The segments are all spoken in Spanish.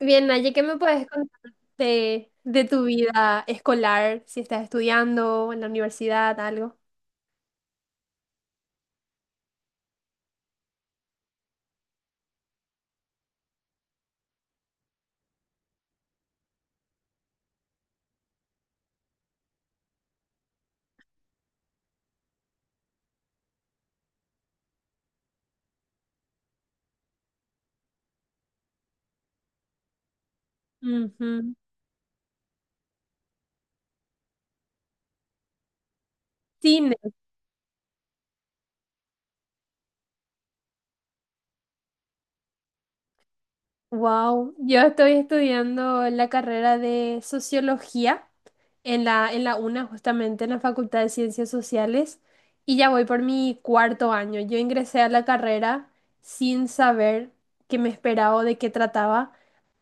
Bien, Naye, ¿qué me puedes contar de tu vida escolar? Si estás estudiando en la universidad, algo. Ujú. Cine. Wow. Yo estoy estudiando la carrera de sociología en la UNA, justamente en la Facultad de Ciencias Sociales, y ya voy por mi cuarto año. Yo ingresé a la carrera sin saber qué me esperaba o de qué trataba,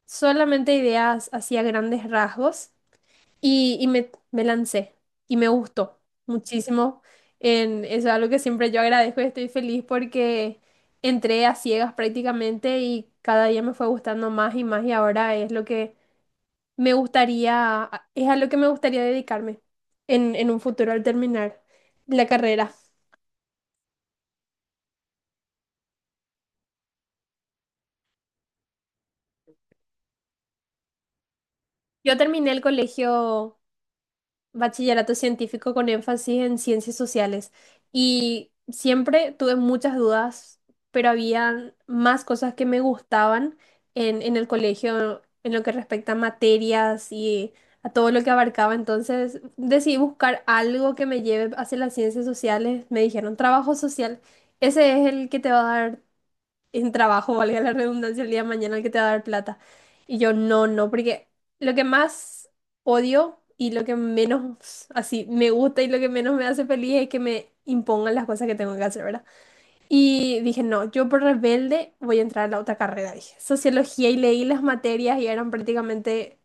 solamente ideas hacia grandes rasgos. Me lancé y me gustó muchísimo. Eso es algo que siempre yo agradezco y estoy feliz porque entré a ciegas prácticamente y cada día me fue gustando más y más y ahora es lo que me gustaría, es a lo que me gustaría dedicarme en un futuro al terminar la carrera. Yo terminé el colegio bachillerato científico con énfasis en ciencias sociales y siempre tuve muchas dudas, pero había más cosas que me gustaban en el colegio en lo que respecta a materias y a todo lo que abarcaba. Entonces decidí buscar algo que me lleve hacia las ciencias sociales. Me dijeron trabajo social, ese es el que te va a dar en trabajo, valga la redundancia, el día de mañana el que te va a dar plata. Y yo, no, no, porque lo que más odio y lo que menos así me gusta y lo que menos me hace feliz es que me impongan las cosas que tengo que hacer, ¿verdad? Y dije, no, yo por rebelde voy a entrar a la otra carrera, dije, sociología y leí las materias y eran prácticamente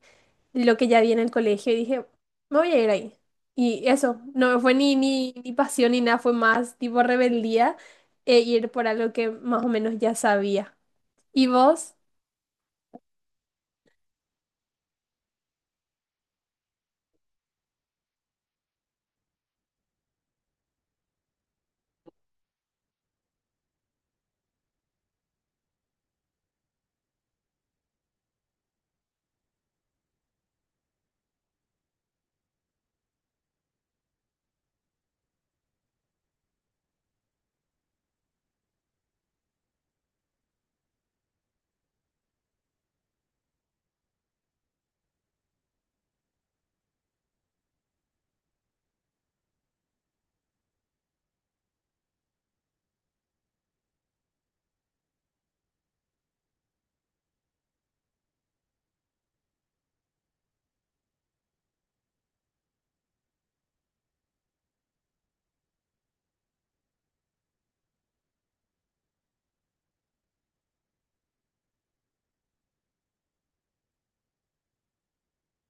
lo que ya vi en el colegio y dije, me voy a ir ahí. Y eso, no fue ni pasión ni nada, fue más tipo rebeldía e ir por algo que más o menos ya sabía. ¿Y vos?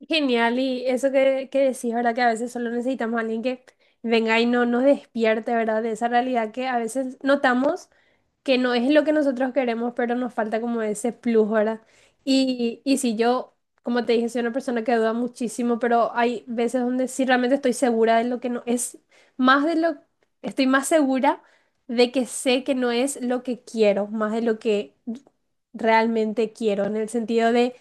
Genial, y eso que decís, ¿verdad? Que a veces solo necesitamos a alguien que venga y no nos despierte, ¿verdad? De esa realidad que a veces notamos, que no es lo que nosotros queremos, pero nos falta como ese plus, ¿verdad? Y si yo, como te dije, soy una persona que duda muchísimo, pero hay veces donde sí realmente estoy segura de lo que no es, más de lo, estoy más segura de que sé que no es lo que quiero, más de lo que realmente quiero, en el sentido de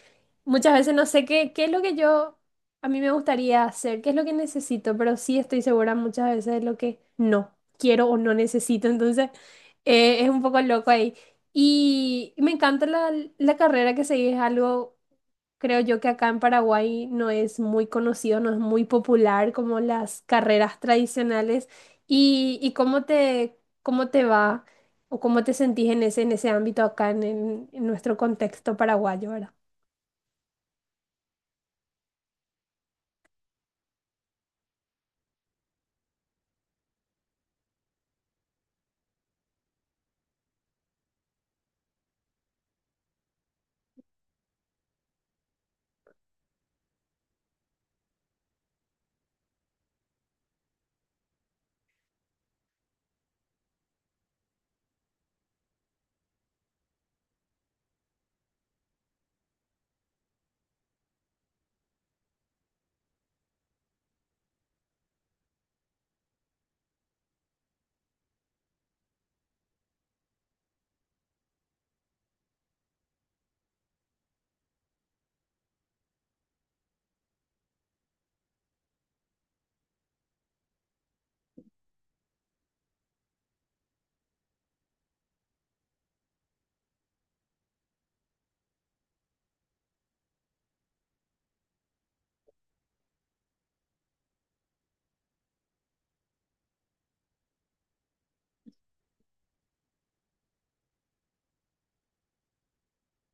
muchas veces no sé qué es lo que yo, a mí me gustaría hacer, qué es lo que necesito, pero sí estoy segura muchas veces de lo que no quiero o no necesito, entonces... Es un poco loco ahí. Y me encanta la carrera que seguís, es algo, creo yo que acá en Paraguay no es muy conocido, no es muy popular como las carreras tradicionales. ¿ cómo te va o cómo te sentís en ese ámbito acá en nuestro contexto paraguayo, ¿verdad?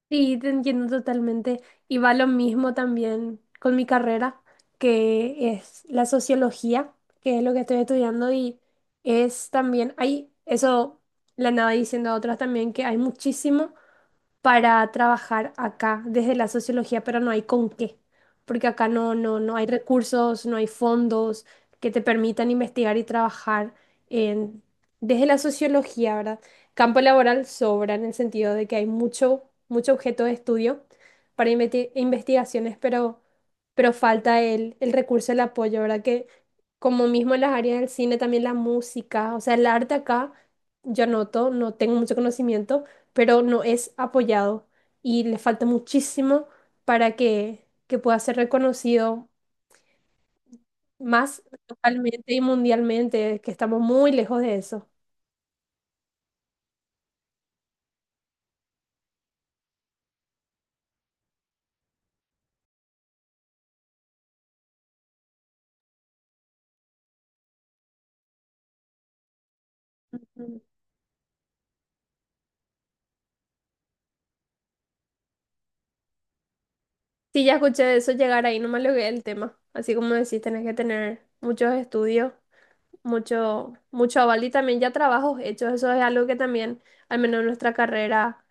Sí, te entiendo totalmente. Y va lo mismo también con mi carrera, que es la sociología, que es lo que estoy estudiando y es también, hay, eso le andaba diciendo a otras también, que hay muchísimo para trabajar acá desde la sociología, pero no hay con qué, porque acá no hay recursos, no hay fondos que te permitan investigar y trabajar en, desde la sociología, ¿verdad? Campo laboral sobra en el sentido de que hay mucho, mucho objeto de estudio para investigaciones, pero falta el recurso, el apoyo, ¿verdad? Que como mismo en las áreas del cine, también la música, o sea, el arte acá, yo noto, no tengo mucho conocimiento pero no es apoyado y le falta muchísimo para que pueda ser reconocido más localmente y mundialmente, que estamos muy lejos de eso. Ujú. Sí, ya escuché de eso llegar ahí, no me logré el tema. Así como decís, tenés que tener muchos estudios, mucho, mucho aval y también ya trabajos hechos. Eso es algo que también, al menos en nuestra carrera,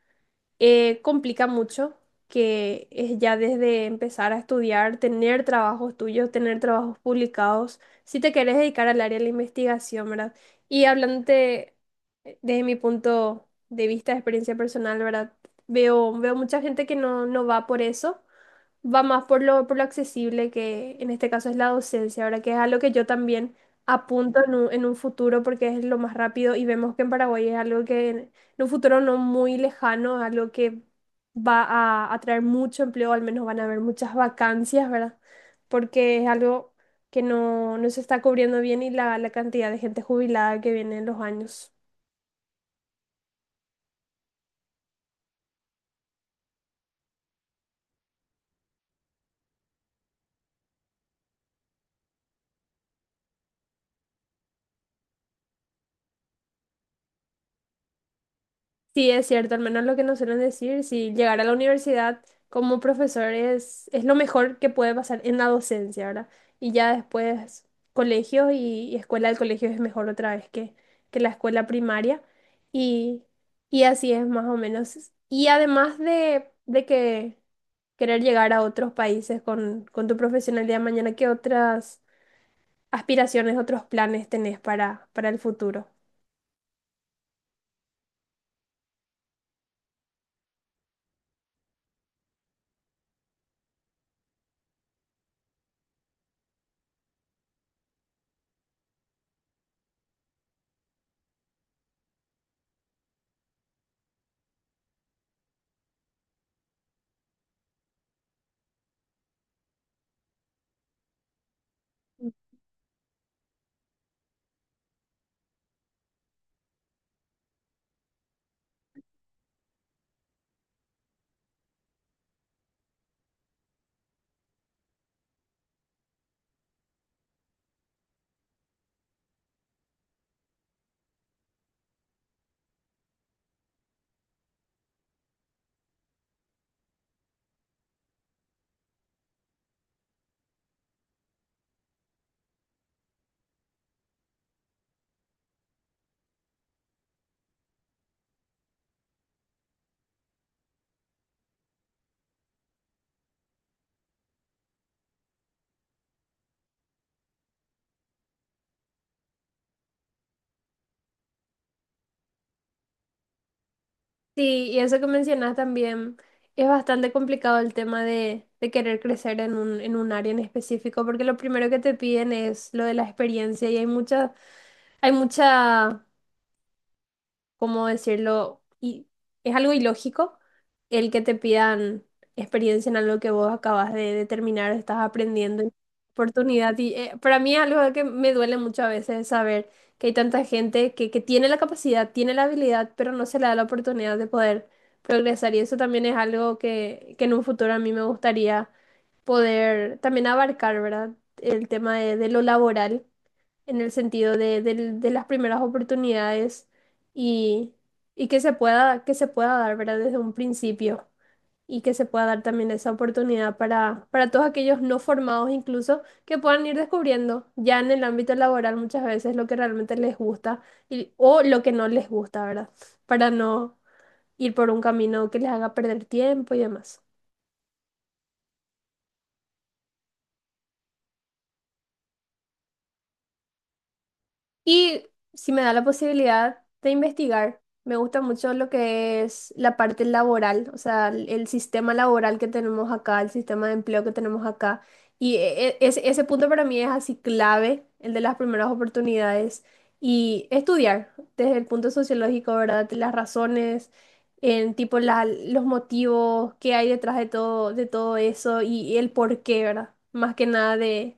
complica mucho, que es ya desde empezar a estudiar, tener trabajos tuyos, tener trabajos publicados, si te querés dedicar al área de la investigación, ¿verdad? Y hablándote desde mi punto de vista, de experiencia personal, ¿verdad? Veo mucha gente que no va por eso, va más por por lo accesible que en este caso es la docencia, ahora que es algo que yo también apunto en en un futuro porque es lo más rápido y vemos que en Paraguay es algo que en un futuro no muy lejano, es algo que va a atraer mucho empleo, al menos van a haber muchas vacancias, ¿verdad? Porque es algo que no se está cubriendo bien y la cantidad de gente jubilada que viene en los años. Sí, es cierto, al menos lo que nos suelen decir, si llegar a la universidad como profesor es lo mejor que puede pasar en la docencia, ¿verdad? Y ya después colegios y escuela del colegio es mejor otra vez que la escuela primaria y, y así es más o menos. Y además de que querer llegar a otros países con tu profesionalidad mañana, ¿qué otras aspiraciones, otros planes tenés para el futuro? Sí, y eso que mencionas también es bastante complicado el tema de querer crecer en en un área en específico, porque lo primero que te piden es lo de la experiencia y hay mucha, hay mucha, ¿cómo decirlo? Y es algo ilógico el que te pidan experiencia en algo que vos acabas de terminar, estás aprendiendo, y oportunidad. Y para mí es algo que me duele mucho a veces saber que hay tanta gente que tiene la capacidad, tiene la habilidad, pero no se le da la oportunidad de poder progresar. Y eso también es algo que en un futuro a mí me gustaría poder también abarcar, ¿verdad? El tema de lo laboral en el sentido de, de las primeras oportunidades y, y que se pueda dar, ¿verdad? Desde un principio y que se pueda dar también esa oportunidad para todos aquellos no formados incluso que puedan ir descubriendo ya en el ámbito laboral muchas veces lo que realmente les gusta o lo que no les gusta, ¿verdad? Para no ir por un camino que les haga perder tiempo y demás. Y si me da la posibilidad de investigar, me gusta mucho lo que es la parte laboral, o sea, el sistema laboral que tenemos acá, el sistema de empleo que tenemos acá. Y ese punto para mí es así clave, el de las primeras oportunidades. Y estudiar desde el punto sociológico, ¿verdad? Las razones, en tipo los motivos, qué hay detrás de todo eso y el por qué, ¿verdad? Más que nada de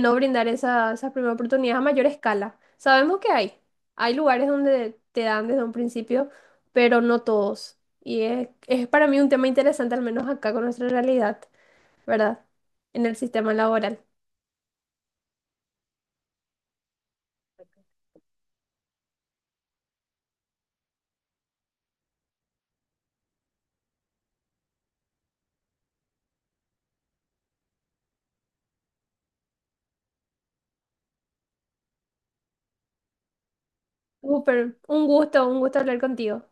no brindar esa primera oportunidad a mayor escala. Sabemos que hay lugares donde te dan desde un principio, pero no todos. Y es para mí un tema interesante, al menos acá con nuestra realidad, ¿verdad? En el sistema laboral. Súper, un gusto hablar contigo.